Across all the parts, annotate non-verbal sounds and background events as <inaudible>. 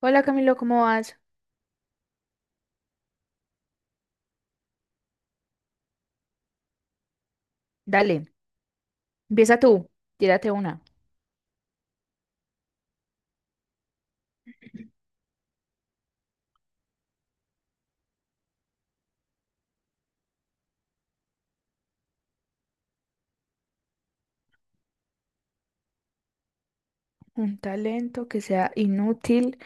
Hola Camilo, ¿cómo vas? Dale, empieza tú, tírate una. Un talento que sea inútil,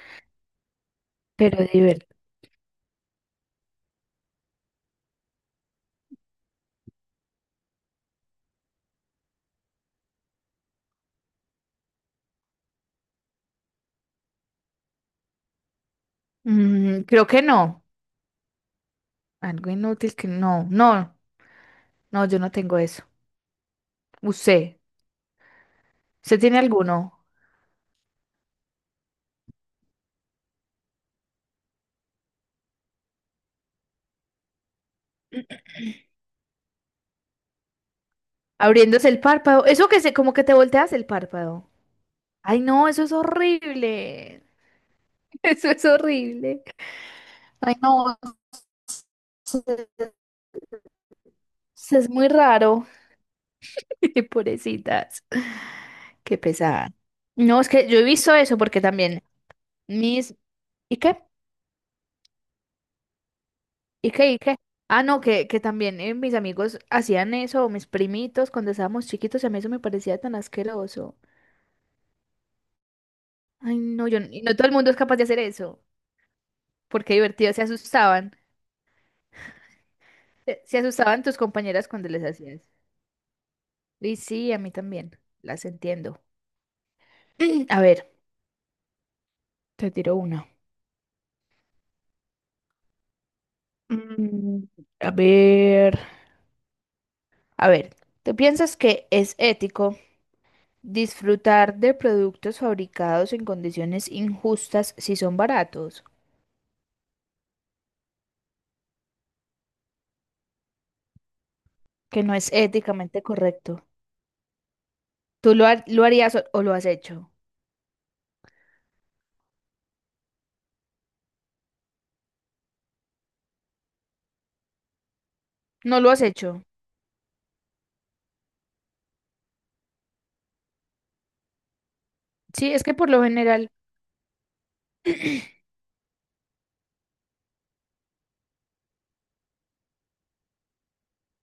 pero divertido. Creo que no. Algo inútil que no. No, no, yo no tengo eso. ¿Usted? ¿Usted tiene alguno? Abriéndose el párpado. Eso como que te volteas el párpado. Ay, no, eso es horrible. <laughs> Eso es horrible. Ay, no, eso eso es muy raro. <laughs> Pobrecitas. Qué pesada. No, es que yo he visto eso porque también mis... ¿Y qué? ¿Y qué? ¿Y qué? Ah, no, que también mis amigos hacían eso, mis primitos, cuando estábamos chiquitos, y a mí eso me parecía tan asqueroso. Ay, no, yo, y no todo el mundo es capaz de hacer eso, porque divertido, se asustaban, se asustaban tus compañeras cuando les hacías. Y sí, a mí también, las entiendo. <clears throat> A ver, te tiro una. Mm, a ver, a ver, ¿tú piensas que es ético disfrutar de productos fabricados en condiciones injustas si son baratos? Que no es éticamente correcto. ¿ Lo harías o lo has hecho? No lo has hecho. Sí, es que por lo general,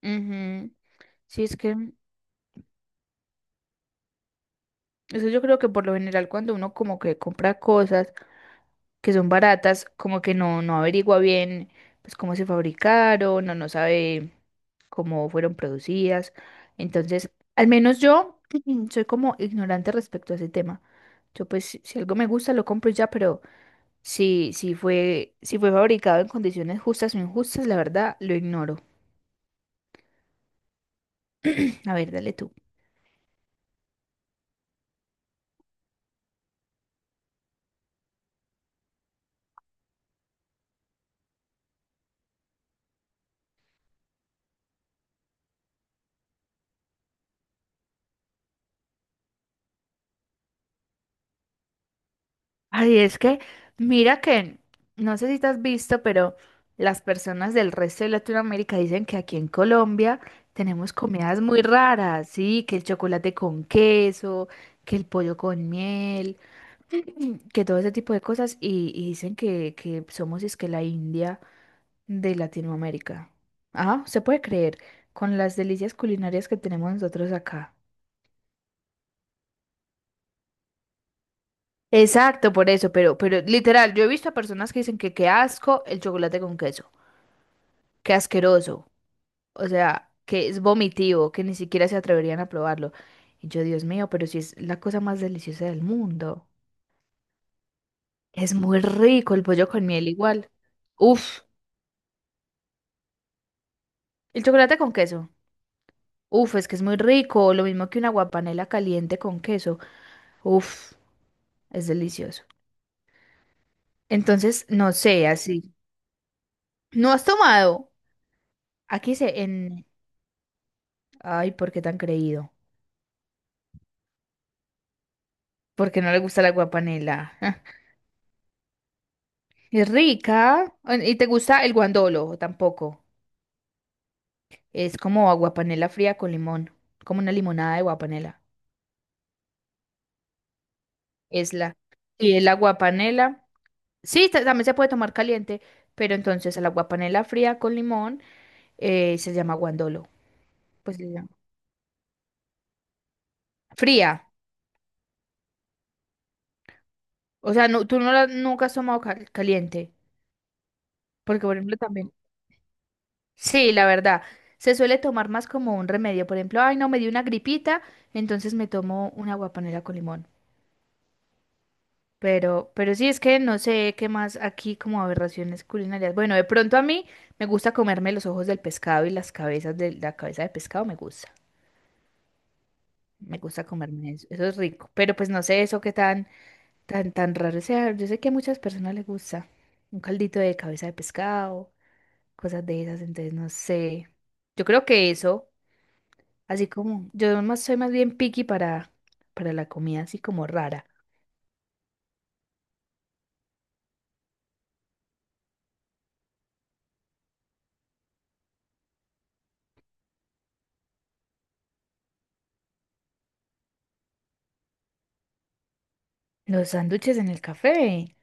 ujú. Sí, es que eso yo creo que por lo general cuando uno como que compra cosas que son baratas, como que no averigua bien pues cómo se fabricaron, no sabe cómo fueron producidas. Entonces, al menos yo <clears throat> soy como ignorante respecto a ese tema. Yo pues si algo me gusta lo compro y ya, pero si fue fabricado en condiciones justas o injustas, la verdad lo ignoro. <clears throat> A ver, dale tú. Ay, es que, mira que, no sé si te has visto, pero las personas del resto de Latinoamérica dicen que aquí en Colombia tenemos comidas muy raras, sí, que el chocolate con queso, que el pollo con miel, <clears throat> que todo ese tipo de cosas, y dicen que somos es que la India. De Latinoamérica. Ah, se puede creer, con las delicias culinarias que tenemos nosotros acá. Exacto, por eso, pero literal, yo he visto a personas que dicen que qué asco el chocolate con queso, qué asqueroso, o sea, que es vomitivo, que ni siquiera se atreverían a probarlo. Y yo, Dios mío, pero si es la cosa más deliciosa del mundo. Es muy rico el pollo con miel igual. Uf, el chocolate con queso. Uf, es que es muy rico, lo mismo que una guapanela caliente con queso. Uf, es delicioso. Entonces, no sé, así. ¿No has tomado? Aquí se en... Ay, ¿por qué tan creído? Porque no le gusta la aguapanela. <laughs> Es rica. Ah, ¿y te gusta el guandolo? Tampoco. Es como aguapanela fría con limón. Como una limonada de aguapanela. Es la... Y el aguapanela... Sí, también se puede tomar caliente, pero entonces el aguapanela fría con limón se llama guandolo. Pues le llama- fría. O sea, no, tú no la, nunca has tomado caliente. Porque, por ejemplo, también... Sí, la verdad. Se suele tomar más como un remedio. Por ejemplo, ay, no, me dio una gripita, entonces me tomo una guapanera con limón. Pero sí, es que no sé qué más aquí como aberraciones culinarias. Bueno, de pronto a mí me gusta comerme los ojos del pescado y las cabezas de la cabeza de pescado me gusta. Me gusta comerme eso. Eso es rico. Pero pues no sé eso qué tan raro sea. Yo sé que a muchas personas les gusta un caldito de cabeza de pescado, cosas de esas, entonces no sé. Yo creo que eso. Así como yo más, soy más bien picky para la comida así como rara. Los sándwiches en el café.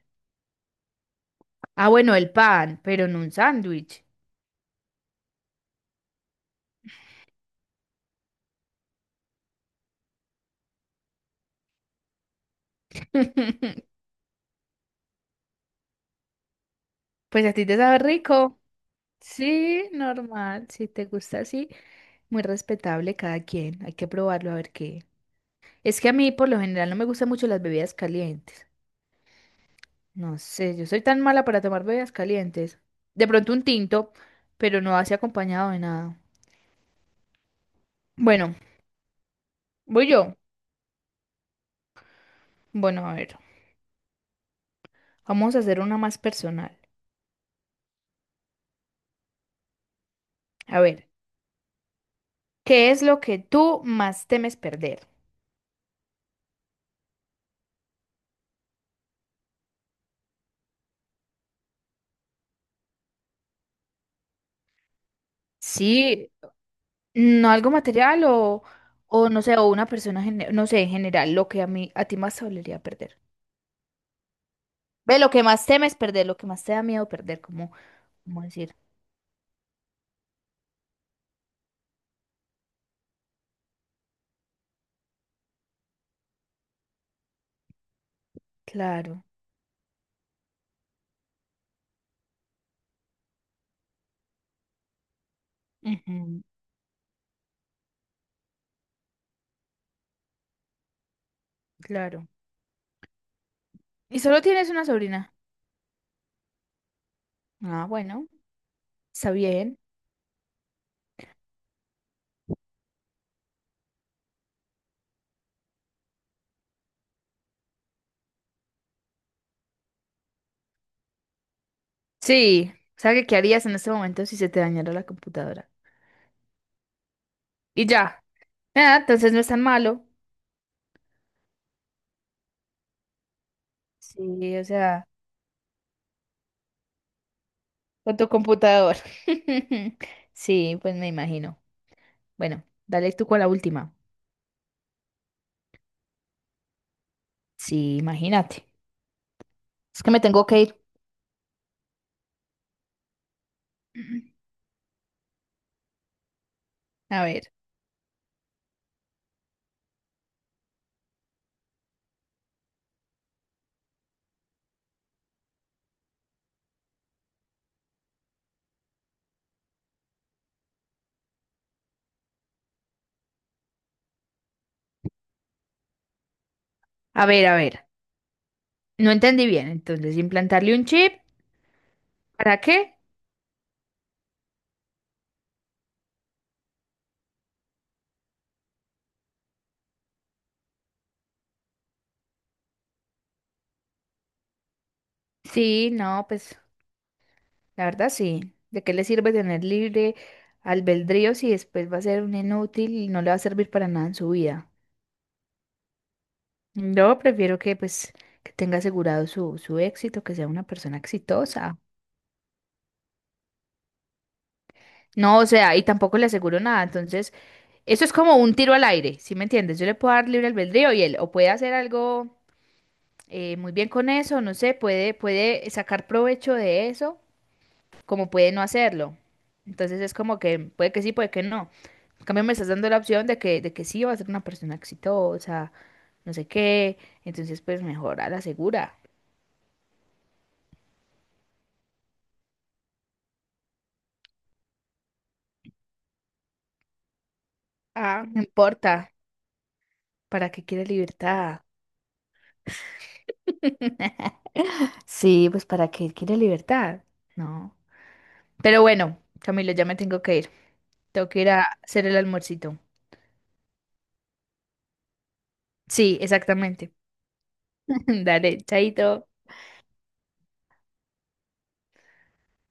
Ah, bueno, el pan, pero en un sándwich. <laughs> Pues a ti te sabe rico. Sí, normal. Si te gusta así, muy respetable cada quien. Hay que probarlo a ver qué. Es que a mí por lo general no me gustan mucho las bebidas calientes. No sé, yo soy tan mala para tomar bebidas calientes. De pronto un tinto, pero no así acompañado de nada. Bueno, voy yo. Bueno, a ver. Vamos a hacer una más personal. A ver, ¿qué es lo que tú más temes perder? Sí, no algo material o no sé, o una persona, no sé, en general, lo que a ti más te dolería perder. Ve, lo que más temes perder, lo que más te da miedo perder, como, como decir, claro, ujú, claro. ¿Y solo tienes una sobrina? Ah, bueno, está bien. Sí, ¿sabes qué harías en este momento si se te dañara la computadora? Y ya. Ah, entonces no es tan malo. Sí, o sea. Con tu computador. <laughs> Sí, pues me imagino. Bueno, dale tú con la última. Sí, imagínate. Es que me tengo que ir. <clears throat> A ver, a ver, a ver. No entendí bien. Entonces, implantarle un chip, ¿para qué? Sí, no, pues la verdad sí. ¿De qué le sirve tener libre albedrío si después va a ser un inútil y no le va a servir para nada en su vida? Yo prefiero que pues que tenga asegurado su éxito, que sea una persona exitosa. No, o sea, y tampoco le aseguro nada, entonces eso es como un tiro al aire, ¿sí me entiendes? Yo le puedo dar libre albedrío y él o puede hacer algo muy bien con eso, no sé, puede sacar provecho de eso, como puede no hacerlo. Entonces es como que puede que sí, puede que no. En cambio me estás dando la opción de de que sí va a ser una persona exitosa, no sé qué. Entonces pues mejor a la segura. Ah, no importa, ¿para qué quiere libertad? Sí, pues ¿para qué quiere libertad? No. Pero bueno, Camilo, ya me tengo que ir. Tengo que ir a hacer el almuercito. Sí, exactamente. <laughs> Dale, chaito.